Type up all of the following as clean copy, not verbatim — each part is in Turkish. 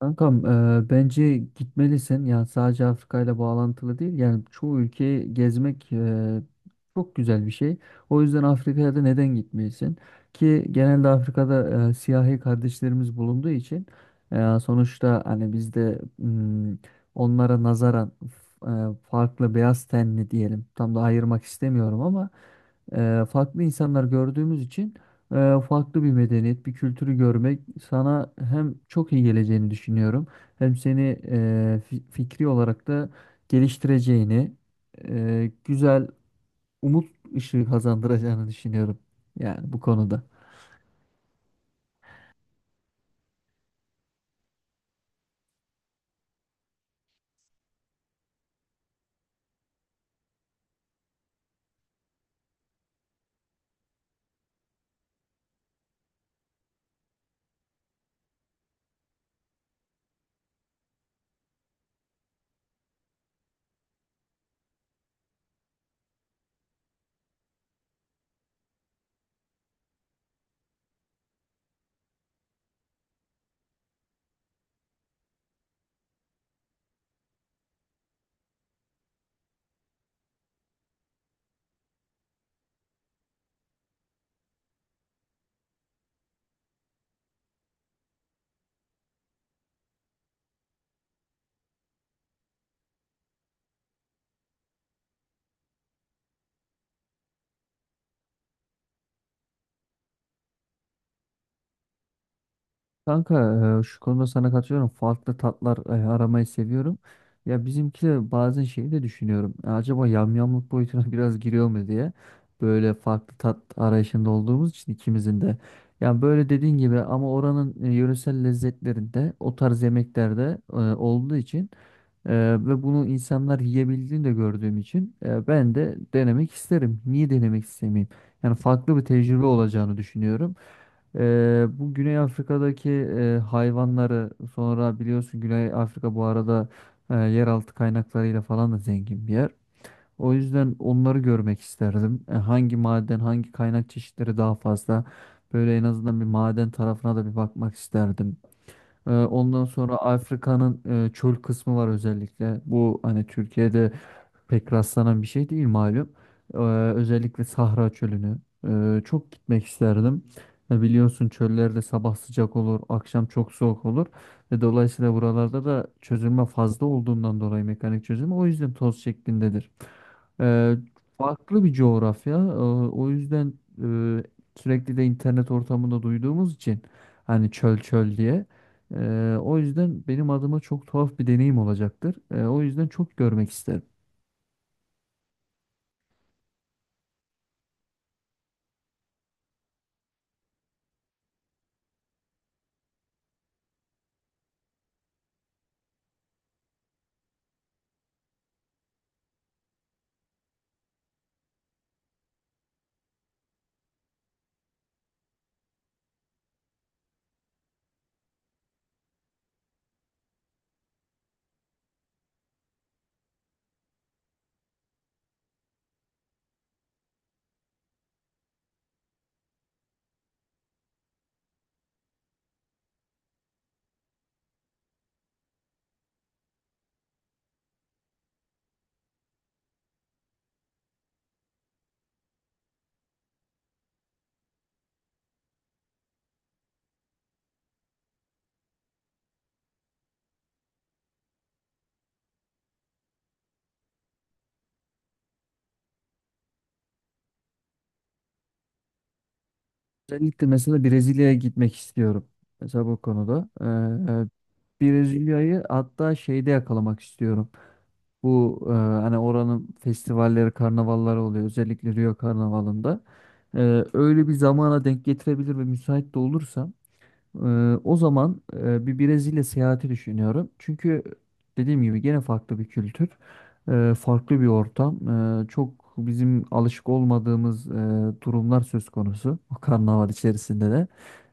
Kankam, bence gitmelisin. Yani sadece Afrika ile bağlantılı değil. Yani çoğu ülkeyi gezmek çok güzel bir şey. O yüzden Afrika'ya da neden gitmelisin? Ki genelde Afrika'da siyahi kardeşlerimiz bulunduğu için sonuçta hani bizde onlara nazaran farklı beyaz tenli diyelim. Tam da ayırmak istemiyorum ama farklı insanlar gördüğümüz için farklı bir medeniyet, bir kültürü görmek sana hem çok iyi geleceğini düşünüyorum, hem seni fikri olarak da geliştireceğini, güzel umut ışığı kazandıracağını düşünüyorum. Yani bu konuda. Kanka, şu konuda sana katılıyorum. Farklı tatlar aramayı seviyorum. Ya bizimki de bazen şeyi de düşünüyorum. Acaba yamyamlık boyutuna biraz giriyor mu diye. Böyle farklı tat arayışında olduğumuz için ikimizin de. Yani böyle dediğin gibi ama oranın yöresel lezzetlerinde o tarz yemeklerde olduğu için e, ve bunu insanlar yiyebildiğini de gördüğüm için ben de denemek isterim. Niye denemek istemeyeyim? Yani farklı bir tecrübe olacağını düşünüyorum. Bu Güney Afrika'daki hayvanları sonra biliyorsun Güney Afrika bu arada yeraltı kaynaklarıyla falan da zengin bir yer. O yüzden onları görmek isterdim. Hangi maden, hangi kaynak çeşitleri daha fazla? Böyle en azından bir maden tarafına da bir bakmak isterdim. Ondan sonra Afrika'nın çöl kısmı var özellikle. Bu hani Türkiye'de pek rastlanan bir şey değil malum. Ee, Özellikle Sahra Çölü'nü çok gitmek isterdim. Biliyorsun çöllerde sabah sıcak olur, akşam çok soğuk olur ve dolayısıyla buralarda da çözülme fazla olduğundan dolayı mekanik çözülme o yüzden toz şeklindedir. Ee, Farklı bir coğrafya. O yüzden e, sürekli de internet ortamında duyduğumuz için hani çöl çöl diye. O yüzden benim adıma çok tuhaf bir deneyim olacaktır. O yüzden çok görmek isterim. Özellikle mesela Brezilya'ya gitmek istiyorum. Mesela bu konuda. Brezilya'yı hatta şeyde yakalamak istiyorum. Bu hani oranın festivalleri, karnavalları oluyor. Özellikle Rio Karnavalı'nda. Öyle bir zamana denk getirebilir ve müsait de olursam o zaman bir Brezilya seyahati düşünüyorum. Çünkü dediğim gibi gene farklı bir kültür, farklı bir ortam. Çok bizim alışık olmadığımız durumlar söz konusu. O karnaval içerisinde de.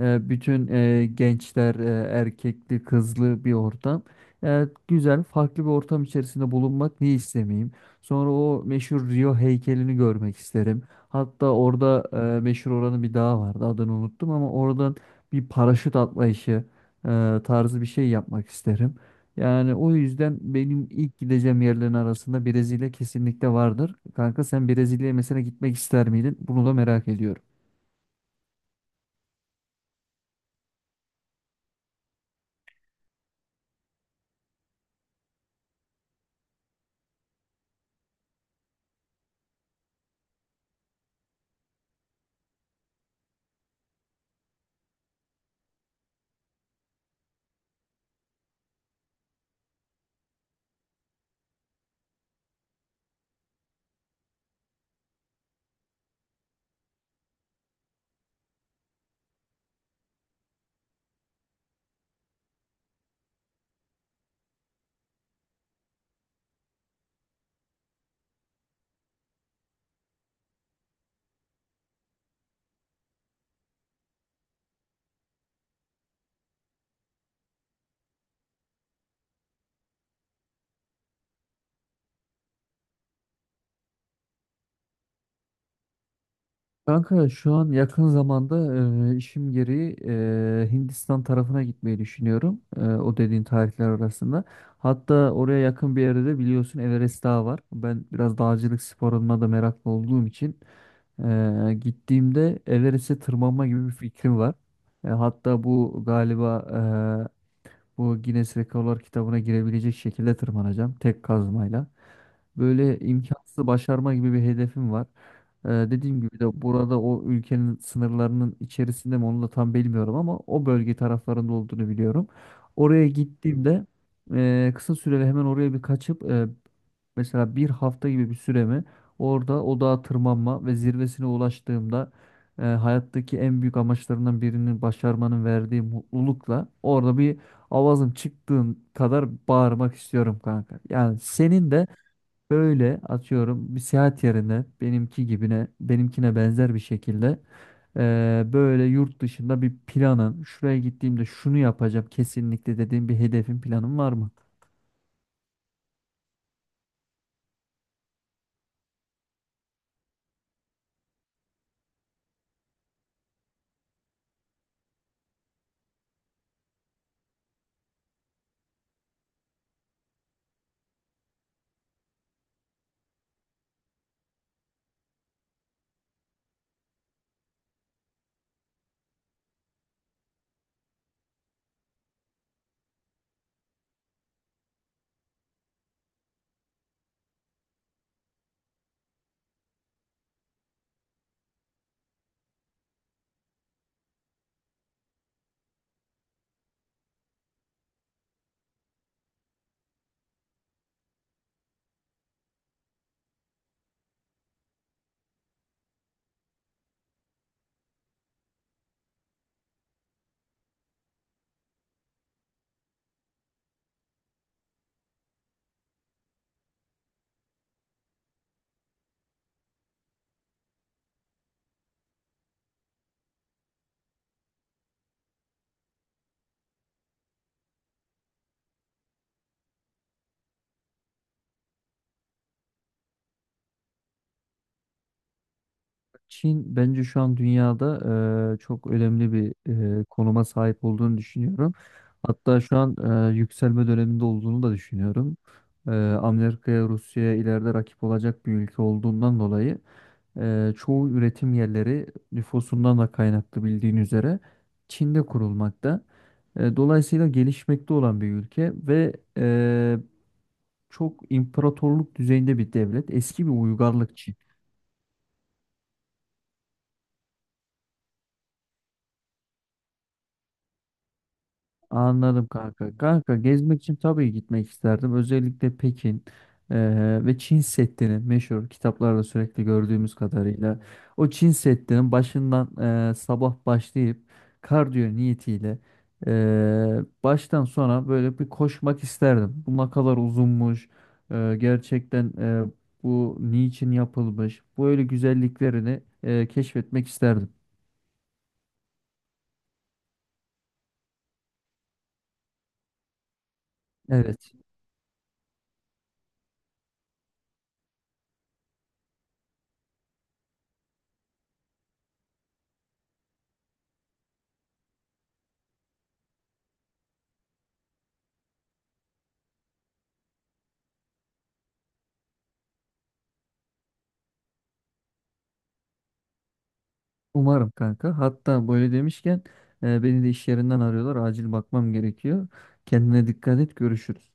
Bütün gençler erkekli, kızlı bir ortam. Güzel, farklı bir ortam içerisinde bulunmak niye istemeyeyim? Sonra o meşhur Rio heykelini görmek isterim. Hatta orada meşhur oranın bir dağı vardı. Adını unuttum ama oradan bir paraşüt atma işi tarzı bir şey yapmak isterim. Yani o yüzden benim ilk gideceğim yerlerin arasında Brezilya kesinlikle vardır. Kanka, sen Brezilya'ya mesela gitmek ister miydin? Bunu da merak ediyorum. Kanka, şu an yakın zamanda işim gereği Hindistan tarafına gitmeyi düşünüyorum. O dediğin tarihler arasında. Hatta oraya yakın bir yerde de biliyorsun Everest Dağı var. Ben biraz dağcılık sporuna da meraklı olduğum için gittiğimde Everest'e tırmanma gibi bir fikrim var. Hatta bu galiba bu Guinness Rekorlar kitabına girebilecek şekilde tırmanacağım tek kazmayla. Böyle imkansızı başarma gibi bir hedefim var. Dediğim gibi de burada o ülkenin sınırlarının içerisinde mi onu da tam bilmiyorum ama o bölge taraflarında olduğunu biliyorum. Oraya gittiğimde kısa süreli hemen oraya bir kaçıp mesela bir hafta gibi bir süremi orada o dağa tırmanma ve zirvesine ulaştığımda hayattaki en büyük amaçlarından birini başarmanın verdiği mutlulukla orada bir avazım çıktığın kadar bağırmak istiyorum kanka. Yani senin de böyle atıyorum bir seyahat yerine benimkine benzer bir şekilde böyle yurt dışında bir planın şuraya gittiğimde şunu yapacağım kesinlikle dediğin bir hedefin planın var mı? Çin bence şu an dünyada çok önemli bir konuma sahip olduğunu düşünüyorum. Hatta şu an yükselme döneminde olduğunu da düşünüyorum. Amerika'ya, Rusya'ya ileride rakip olacak bir ülke olduğundan dolayı çoğu üretim yerleri nüfusundan da kaynaklı bildiğin üzere Çin'de kurulmakta. Dolayısıyla gelişmekte olan bir ülke ve çok imparatorluk düzeyinde bir devlet. Eski bir uygarlık Çin. Anladım kanka. Kanka, gezmek için tabii gitmek isterdim. Özellikle Pekin ve Çin Seddi'nin meşhur kitaplarda sürekli gördüğümüz kadarıyla o Çin Seddi'nin başından sabah başlayıp kardiyo niyetiyle baştan sona böyle bir koşmak isterdim. Bu ne kadar uzunmuş, gerçekten bu niçin yapılmış böyle güzelliklerini keşfetmek isterdim. Evet. Umarım kanka. Hatta böyle demişken beni de iş yerinden arıyorlar. Acil bakmam gerekiyor. Kendine dikkat et. Görüşürüz.